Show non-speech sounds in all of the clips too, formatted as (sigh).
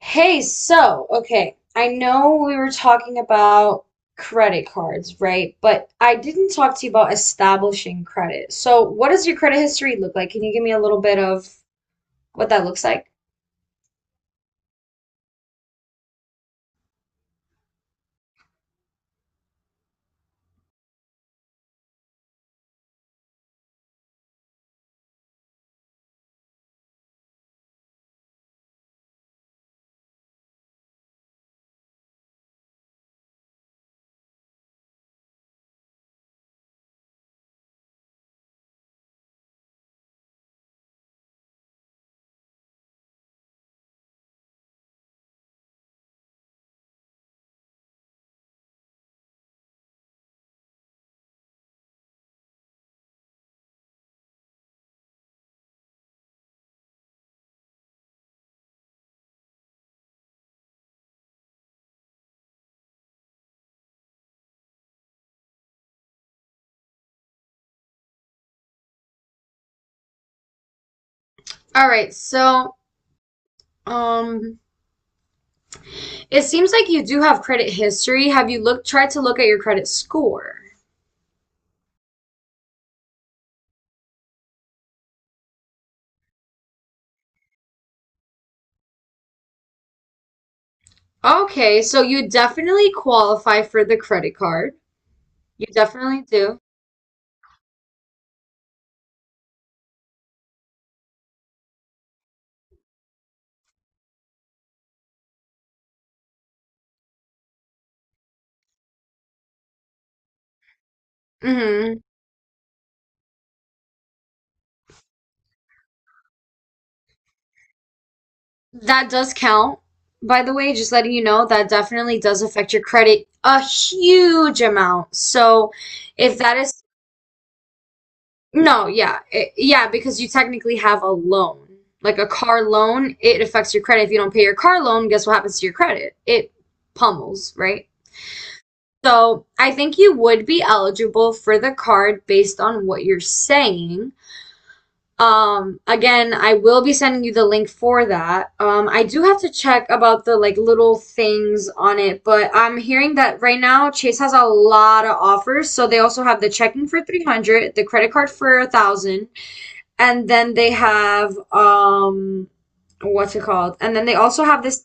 Hey, so, okay, I know we were talking about credit cards, right? But I didn't talk to you about establishing credit. So what does your credit history look like? Can you give me a little bit of what that looks like? All right, so um it seems like you do have credit history. Have you looked tried to look at your credit score? Okay, so you definitely qualify for the credit card. You definitely do. Hmm. That does count. By the way, just letting you know, that definitely does affect your credit a huge amount. So if that is, no, yeah, it, yeah, because you technically have a loan. Like a car loan, it affects your credit. If you don't pay your car loan, guess what happens to your credit? It pummels, right? So I think you would be eligible for the card based on what you're saying. Again, I will be sending you the link for that. I do have to check about the like little things on it, but I'm hearing that right now Chase has a lot of offers. So they also have the checking for 300, the credit card for a thousand, and then they have what's it called? And then they also have this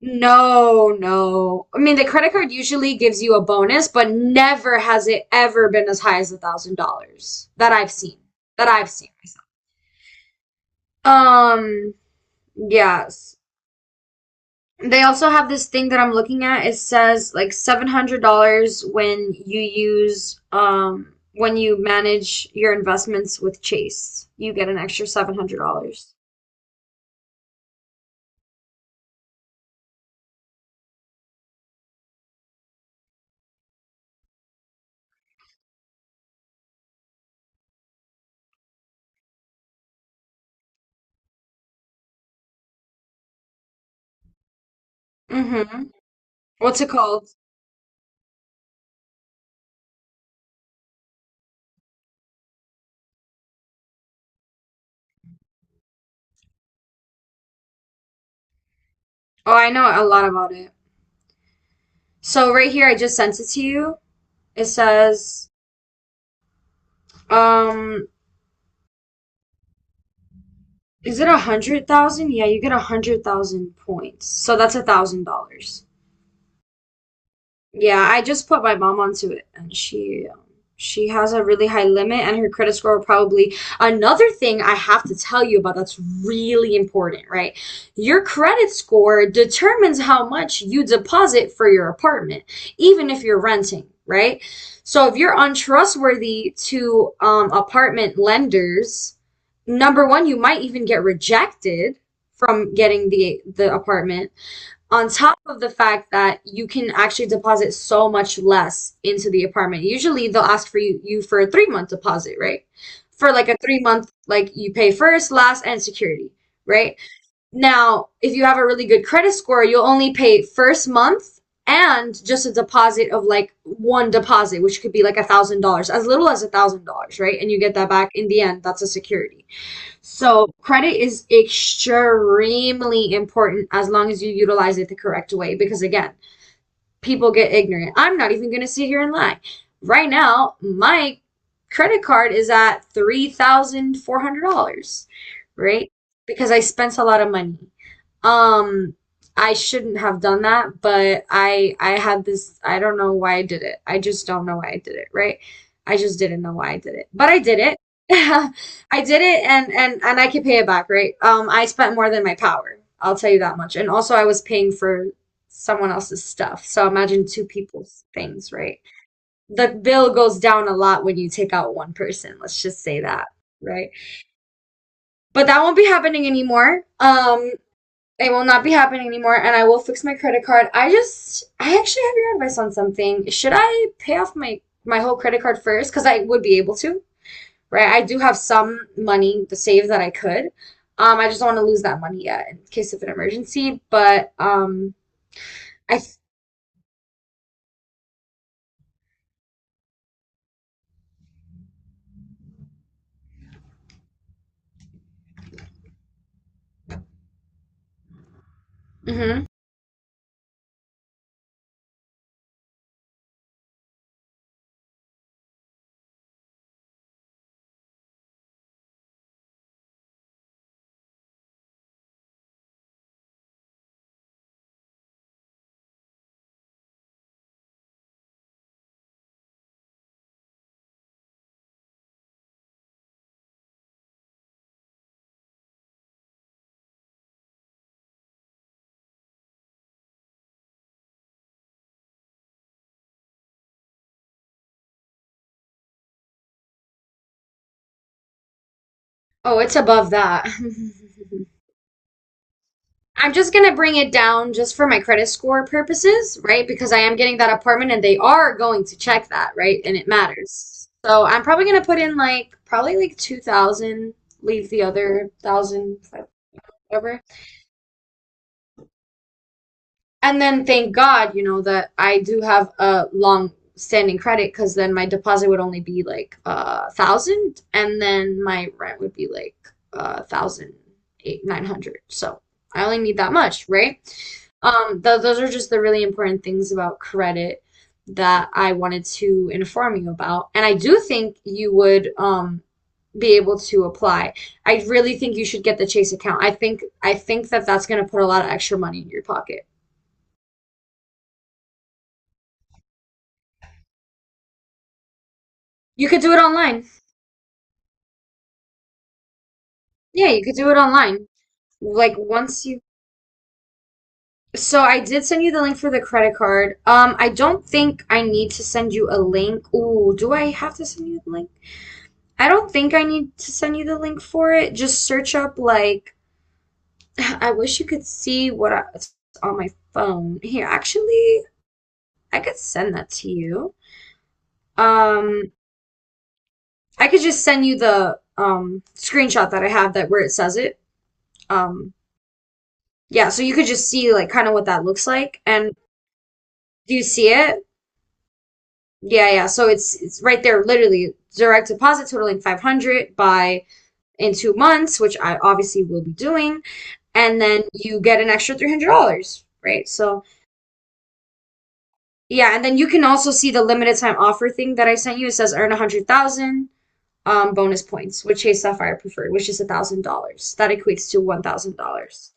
no, no. I mean, the credit card usually gives you a bonus, but never has it ever been as high as $1,000 that I've seen. That I've seen myself. Um, Yes. They also have this thing that I'm looking at. It says like $700 when you use when you manage your investments with Chase. You get an extra $700. Mm-hmm. What's it called? Oh, I know a lot about it. So right here I just sent it to you. It says um is it 100,000? Yeah, you get 100,000 points. So that's $1,000. Yeah, I just put my mom onto it, and she has a really high limit, and her credit score probably. Another thing I have to tell you about that's really important, right? Your credit score determines how much you deposit for your apartment, even if you're renting, right? So if you're untrustworthy to apartment lenders, number one, you might even get rejected from getting the apartment on top of the fact that you can actually deposit so much less into the apartment. Usually they'll ask for you, for a 3 month deposit, right? For like a 3 month, like you pay first, last, and security, right? Now, if you have a really good credit score, you'll only pay first month and just a deposit of like one deposit, which could be like $1,000, as little as $1,000, right? And you get that back in the end. That's a security. So credit is extremely important as long as you utilize it the correct way. Because again, people get ignorant. I'm not even going to sit here and lie. Right now, my credit card is at $3,400, right? Because I spent a lot of money. Um, I shouldn't have done that, but I had this, I don't know why I did it. I just don't know why I did it, right? I just didn't know why I did it. But I did it. (laughs) I did it and I could pay it back, right? I spent more than my power. I'll tell you that much. And also I was paying for someone else's stuff. So imagine two people's things, right? The bill goes down a lot when you take out one person. Let's just say that, right? But that won't be happening anymore. It will not be happening anymore, and I will fix my credit card. I actually have your advice on something. Should I pay off my whole credit card first? Because I would be able to, right? I do have some money to save that I could. I just don't want to lose that money yet in case of an emergency. But I, mhm. Oh, it's above that. (laughs) I'm just gonna bring it down just for my credit score purposes, right? Because I am getting that apartment and they are going to check that, right? And it matters. So I'm probably gonna put in like 2000, leave the other 1000, whatever. And then thank God, you know, that I do have a long standing credit because then my deposit would only be like a thousand, and then my rent would be like a thousand eight nine hundred. So I only need that much, right? Th those are just the really important things about credit that I wanted to inform you about, and I do think you would be able to apply. I really think you should get the Chase account. I think that that's going to put a lot of extra money in your pocket. You could do it online. Yeah, you could do it online. Like once you. So I did send you the link for the credit card. I don't think I need to send you a link. Ooh, do I have to send you the link? I don't think I need to send you the link for it. Just search up like. (sighs) (laughs) I wish you could see what I, it's on my phone. Here, actually, I could send that to you. Um, I could just send you the screenshot that I have that where it says it. Um, Yeah, so you could just see like kind of what that looks like. And do you see it? Yeah, yeah. So it's right there, literally direct deposit totaling 500 by in 2 months, which I obviously will be doing, and then you get an extra $300, right? So yeah, and then you can also see the limited time offer thing that I sent you. It says earn 100,000 bonus points with Chase Sapphire Preferred, which is $1,000. That equates to $1,000.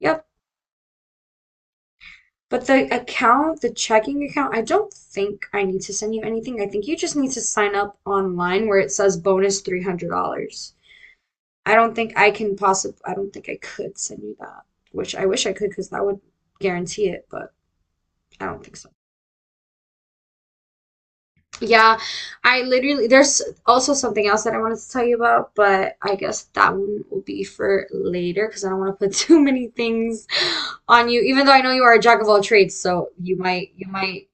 Yep. But the account, the checking account, I don't think I need to send you anything. I think you just need to sign up online where it says bonus $300. I don't think I can possibly, I don't think I could send you that, which I wish I could because that would guarantee it, but I don't think so. Yeah, I literally, there's also something else that I wanted to tell you about, but I guess that one will be for later because I don't want to put (laughs) too many things on you, even though I know you are a jack of all trades, so you might.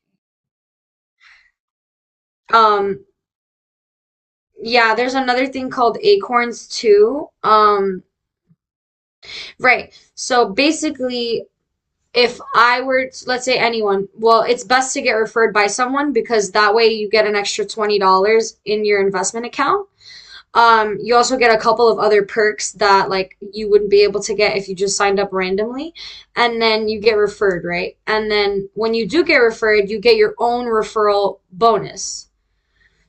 Um, Yeah, there's another thing called acorns too. Right. So basically, if I were to, let's say anyone, well, it's best to get referred by someone because that way you get an extra $20 in your investment account. You also get a couple of other perks that like you wouldn't be able to get if you just signed up randomly. And then you get referred, right? And then when you do get referred, you get your own referral bonus.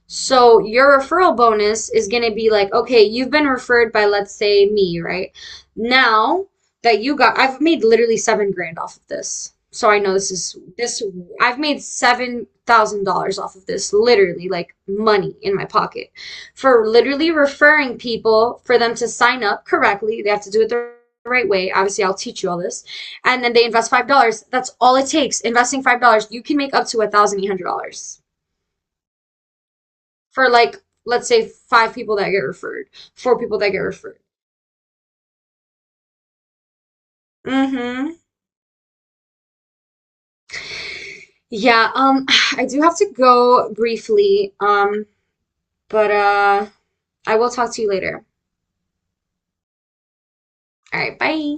So your referral bonus is going to be like, okay, you've been referred by, let's say, me, right? Now that you got, I've made literally 7 grand off of this. So I know this is this. I've made $7,000 off of this, literally, like money in my pocket, for literally referring people for them to sign up correctly. They have to do it the right way. Obviously, I'll teach you all this, and then they invest $5. That's all it takes. Investing $5, you can make up to $1,800 for like let's say 5 people that get referred, 4 people that get referred. Mm-hmm. Yeah, (sighs) I do have to go briefly, but I will talk to you later. All right, bye.